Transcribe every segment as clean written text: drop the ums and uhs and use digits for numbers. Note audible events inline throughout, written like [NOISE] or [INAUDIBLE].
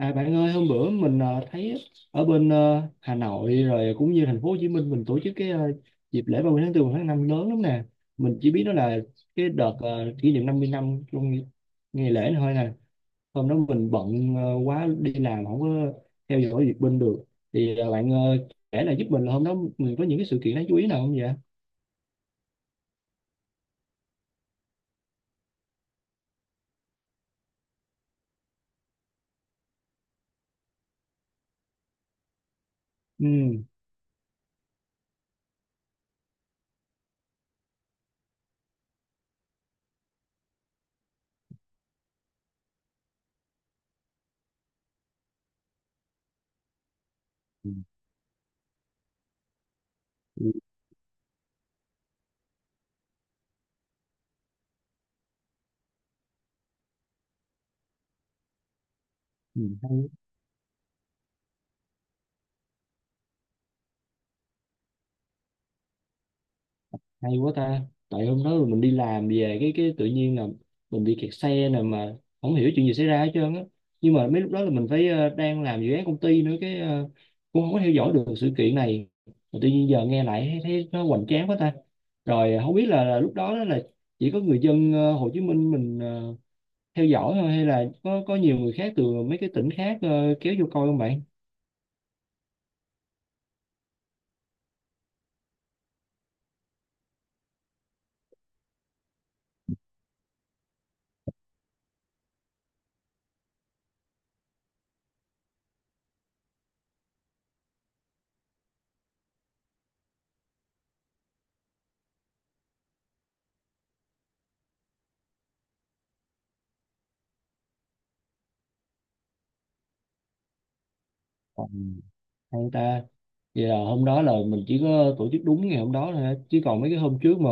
À, bạn ơi, hôm bữa mình thấy ở bên Hà Nội rồi cũng như thành phố Hồ Chí Minh mình tổ chức cái dịp lễ 30 tháng 4 và tháng 5 lớn lắm nè. Mình chỉ biết đó là cái đợt kỷ niệm 50 năm trong ngày lễ này thôi nè. Hôm đó mình bận quá, đi làm không có theo dõi việc bên được. Thì bạn kể là giúp mình là hôm đó mình có những cái sự kiện đáng chú ý nào không vậy? Ừ. Ừ. Ừ. Ừ, hay quá ta. Tại hôm đó mình đi làm về cái tự nhiên là mình bị kẹt xe nè, mà không hiểu chuyện gì xảy ra hết trơn á. Nhưng mà mấy lúc đó là mình phải đang làm dự án công ty nữa, cái cũng không có theo dõi được sự kiện này. Mà tự nhiên giờ nghe lại thấy nó hoành tráng quá ta. Rồi không biết là lúc đó đó là chỉ có người dân Hồ Chí Minh mình theo dõi thôi, hay là có nhiều người khác từ mấy cái tỉnh khác kéo vô coi không bạn. Hay ta. Vậy là hôm đó là mình chỉ có tổ chức đúng ngày hôm đó thôi hả? Chứ còn mấy cái hôm trước mà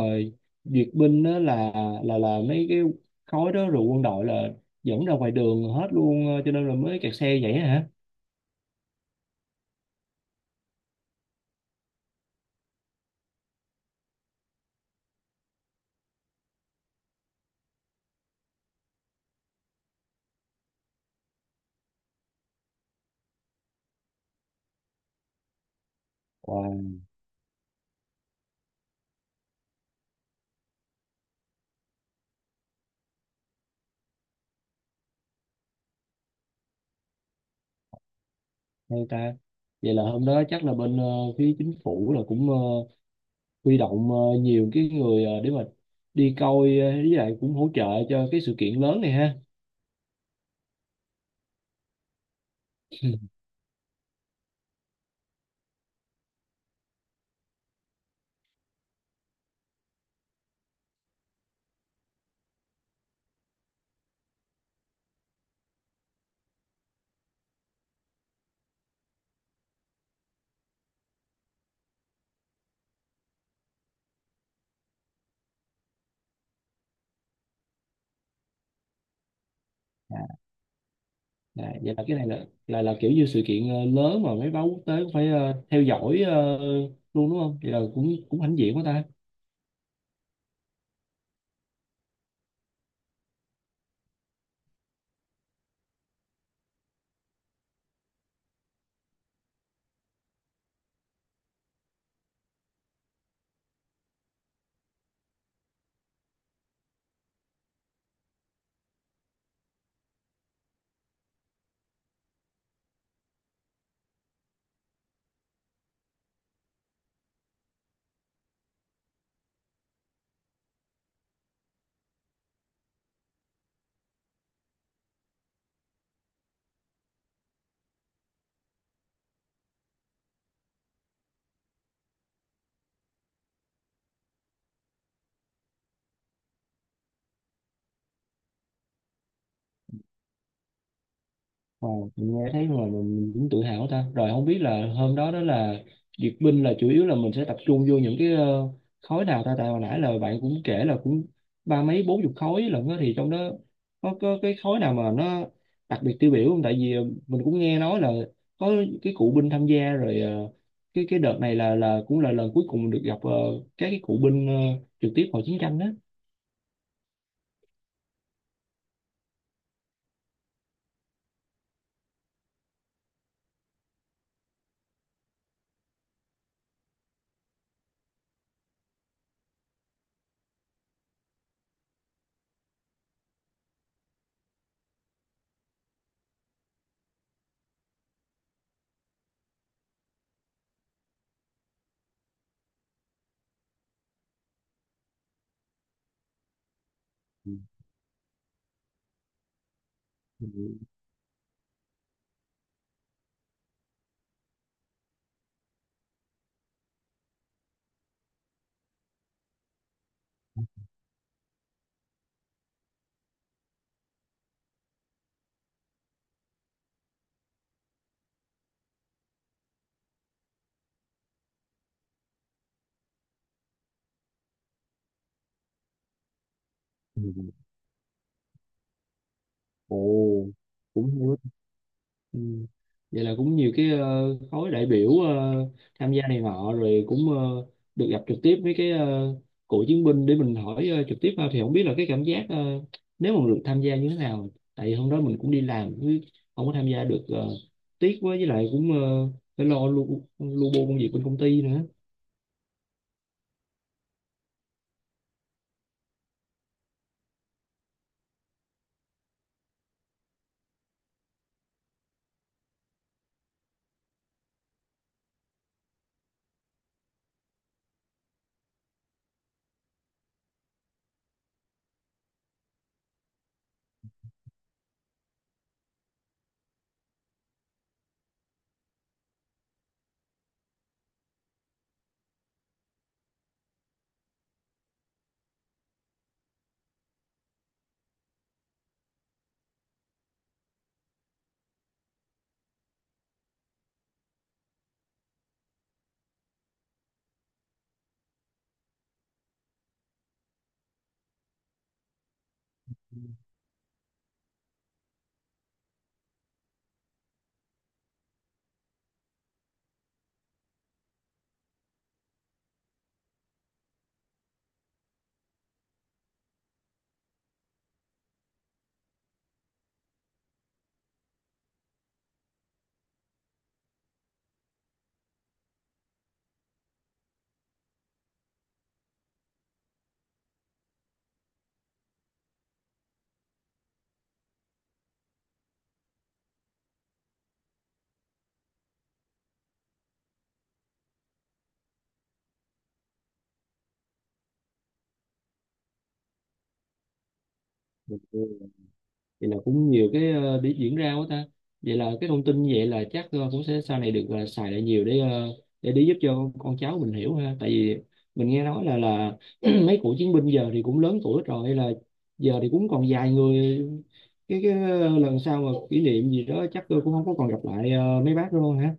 duyệt binh đó là là mấy cái khói đó, rồi quân đội là dẫn ra ngoài đường hết luôn, cho nên là mới kẹt xe vậy hả. Wow, hay ta. Vậy là hôm đó chắc là bên phía chính phủ là cũng huy động nhiều cái người để mà đi coi, với lại cũng hỗ trợ cho cái sự kiện lớn này ha. À, vậy là cái này là kiểu như sự kiện lớn mà mấy báo quốc tế cũng phải theo dõi luôn đúng không? Vậy là cũng cũng hãnh diện quá ta. Wow, mình nghe thấy rồi, mình cũng tự hào ta. Rồi không biết là hôm đó đó là duyệt binh là chủ yếu là mình sẽ tập trung vô những cái khối nào ta. Tại hồi nãy là bạn cũng kể là cũng ba mấy bốn chục khối lận á, thì trong đó có cái khối nào mà nó đặc biệt tiêu biểu không? Tại vì mình cũng nghe nói là có cái cụ binh tham gia rồi, cái đợt này là cũng là lần cuối cùng được gặp các cái cụ binh trực tiếp hồi chiến tranh đó. Ừ. Ừ. Ồ, cũng hay. Ừ. Vậy là cũng nhiều cái khối đại biểu tham gia này nọ, rồi cũng được gặp trực tiếp với cái cựu chiến binh để mình hỏi trực tiếp ha. Thì không biết là cái cảm giác nếu mà được tham gia như thế nào, tại vì hôm đó mình cũng đi làm chứ không có tham gia được, tiếc quá, với lại cũng phải lo lu lu bu công việc bên công ty nữa. Vậy là cũng nhiều cái để diễn ra quá ta. Vậy là cái thông tin như vậy là chắc cũng sẽ sau này được xài lại nhiều, để để giúp cho con cháu mình hiểu ha. Tại vì mình nghe nói là [CLEARS THROAT] mấy cụ chiến binh giờ thì cũng lớn tuổi rồi, là giờ thì cũng còn vài người. Cái lần sau mà kỷ niệm gì đó chắc tôi cũng không có còn gặp lại mấy bác đâu ha.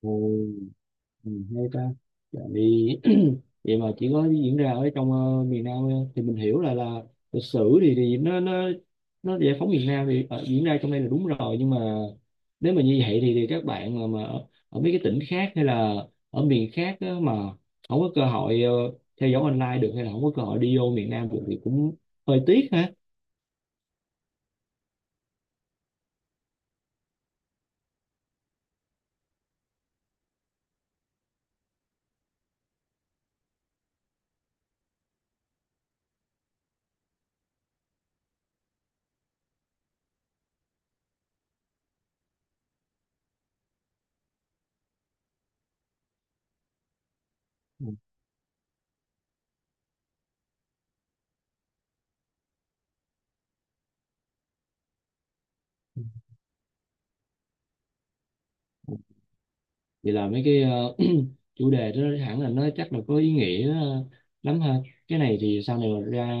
Ồ. Ừ, hay ta. Tại vì [CLEARS THROAT] vậy mà chỉ có diễn ra ở trong miền Nam thôi. Thì mình hiểu là lịch sử thì nó nó giải phóng miền Nam thì diễn ra trong đây là đúng rồi, nhưng mà nếu mà như vậy thì các bạn mà ở mấy cái tỉnh khác hay là ở miền khác á, mà không có cơ hội theo dõi online được hay là không có cơ hội đi vô miền Nam được thì cũng hơi tiếc ha. Vậy là mấy cái [CLEARS THROAT] chủ đề đó hẳn là nó chắc là có ý nghĩa lắm ha. Cái này thì sau này mà ra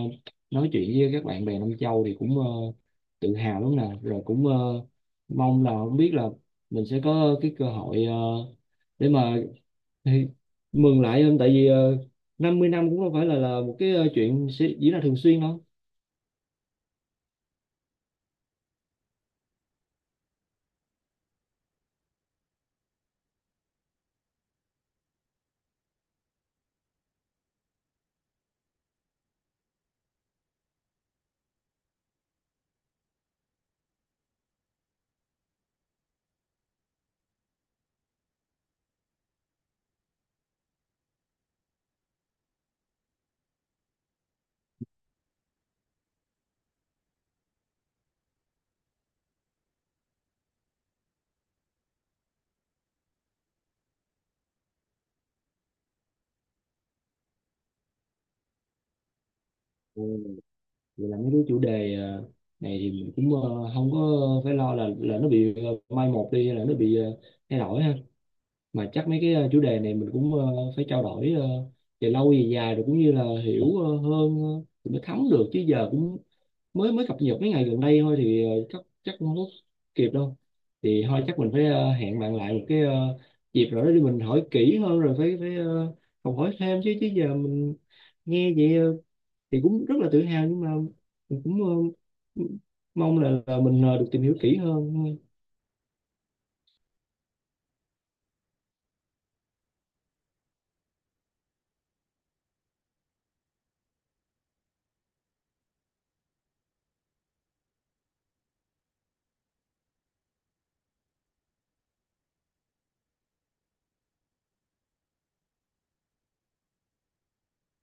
nói chuyện với các bạn bè Nam Châu thì cũng tự hào lắm nè, rồi cũng mong là không biết là mình sẽ có cái cơ hội để mà thì mừng lại không, tại vì 50 năm cũng không phải là một cái chuyện sẽ diễn ra thường xuyên đâu. Ừ, vậy là mấy cái chủ đề này thì mình cũng không có phải lo là nó bị mai một đi hay là nó bị thay đổi ha. Mà chắc mấy cái chủ đề này mình cũng phải trao đổi về lâu về dài, rồi cũng như là hiểu hơn thì mới thấm được, chứ giờ cũng mới mới cập nhật mấy ngày gần đây thôi, thì chắc chắc không có kịp đâu. Thì thôi, chắc mình phải hẹn bạn lại một cái dịp rồi đó để mình hỏi kỹ hơn, rồi phải phải học hỏi thêm, chứ chứ giờ mình nghe vậy thì cũng rất là tự hào, nhưng mà mình cũng ờ, mong là mình được tìm hiểu kỹ hơn.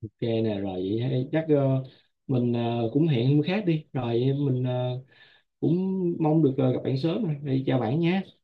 Ok nè, rồi vậy hay. Chắc mình cũng hẹn hôm khác đi. Rồi mình cũng mong được gặp bạn sớm rồi. Đi chào bạn nha.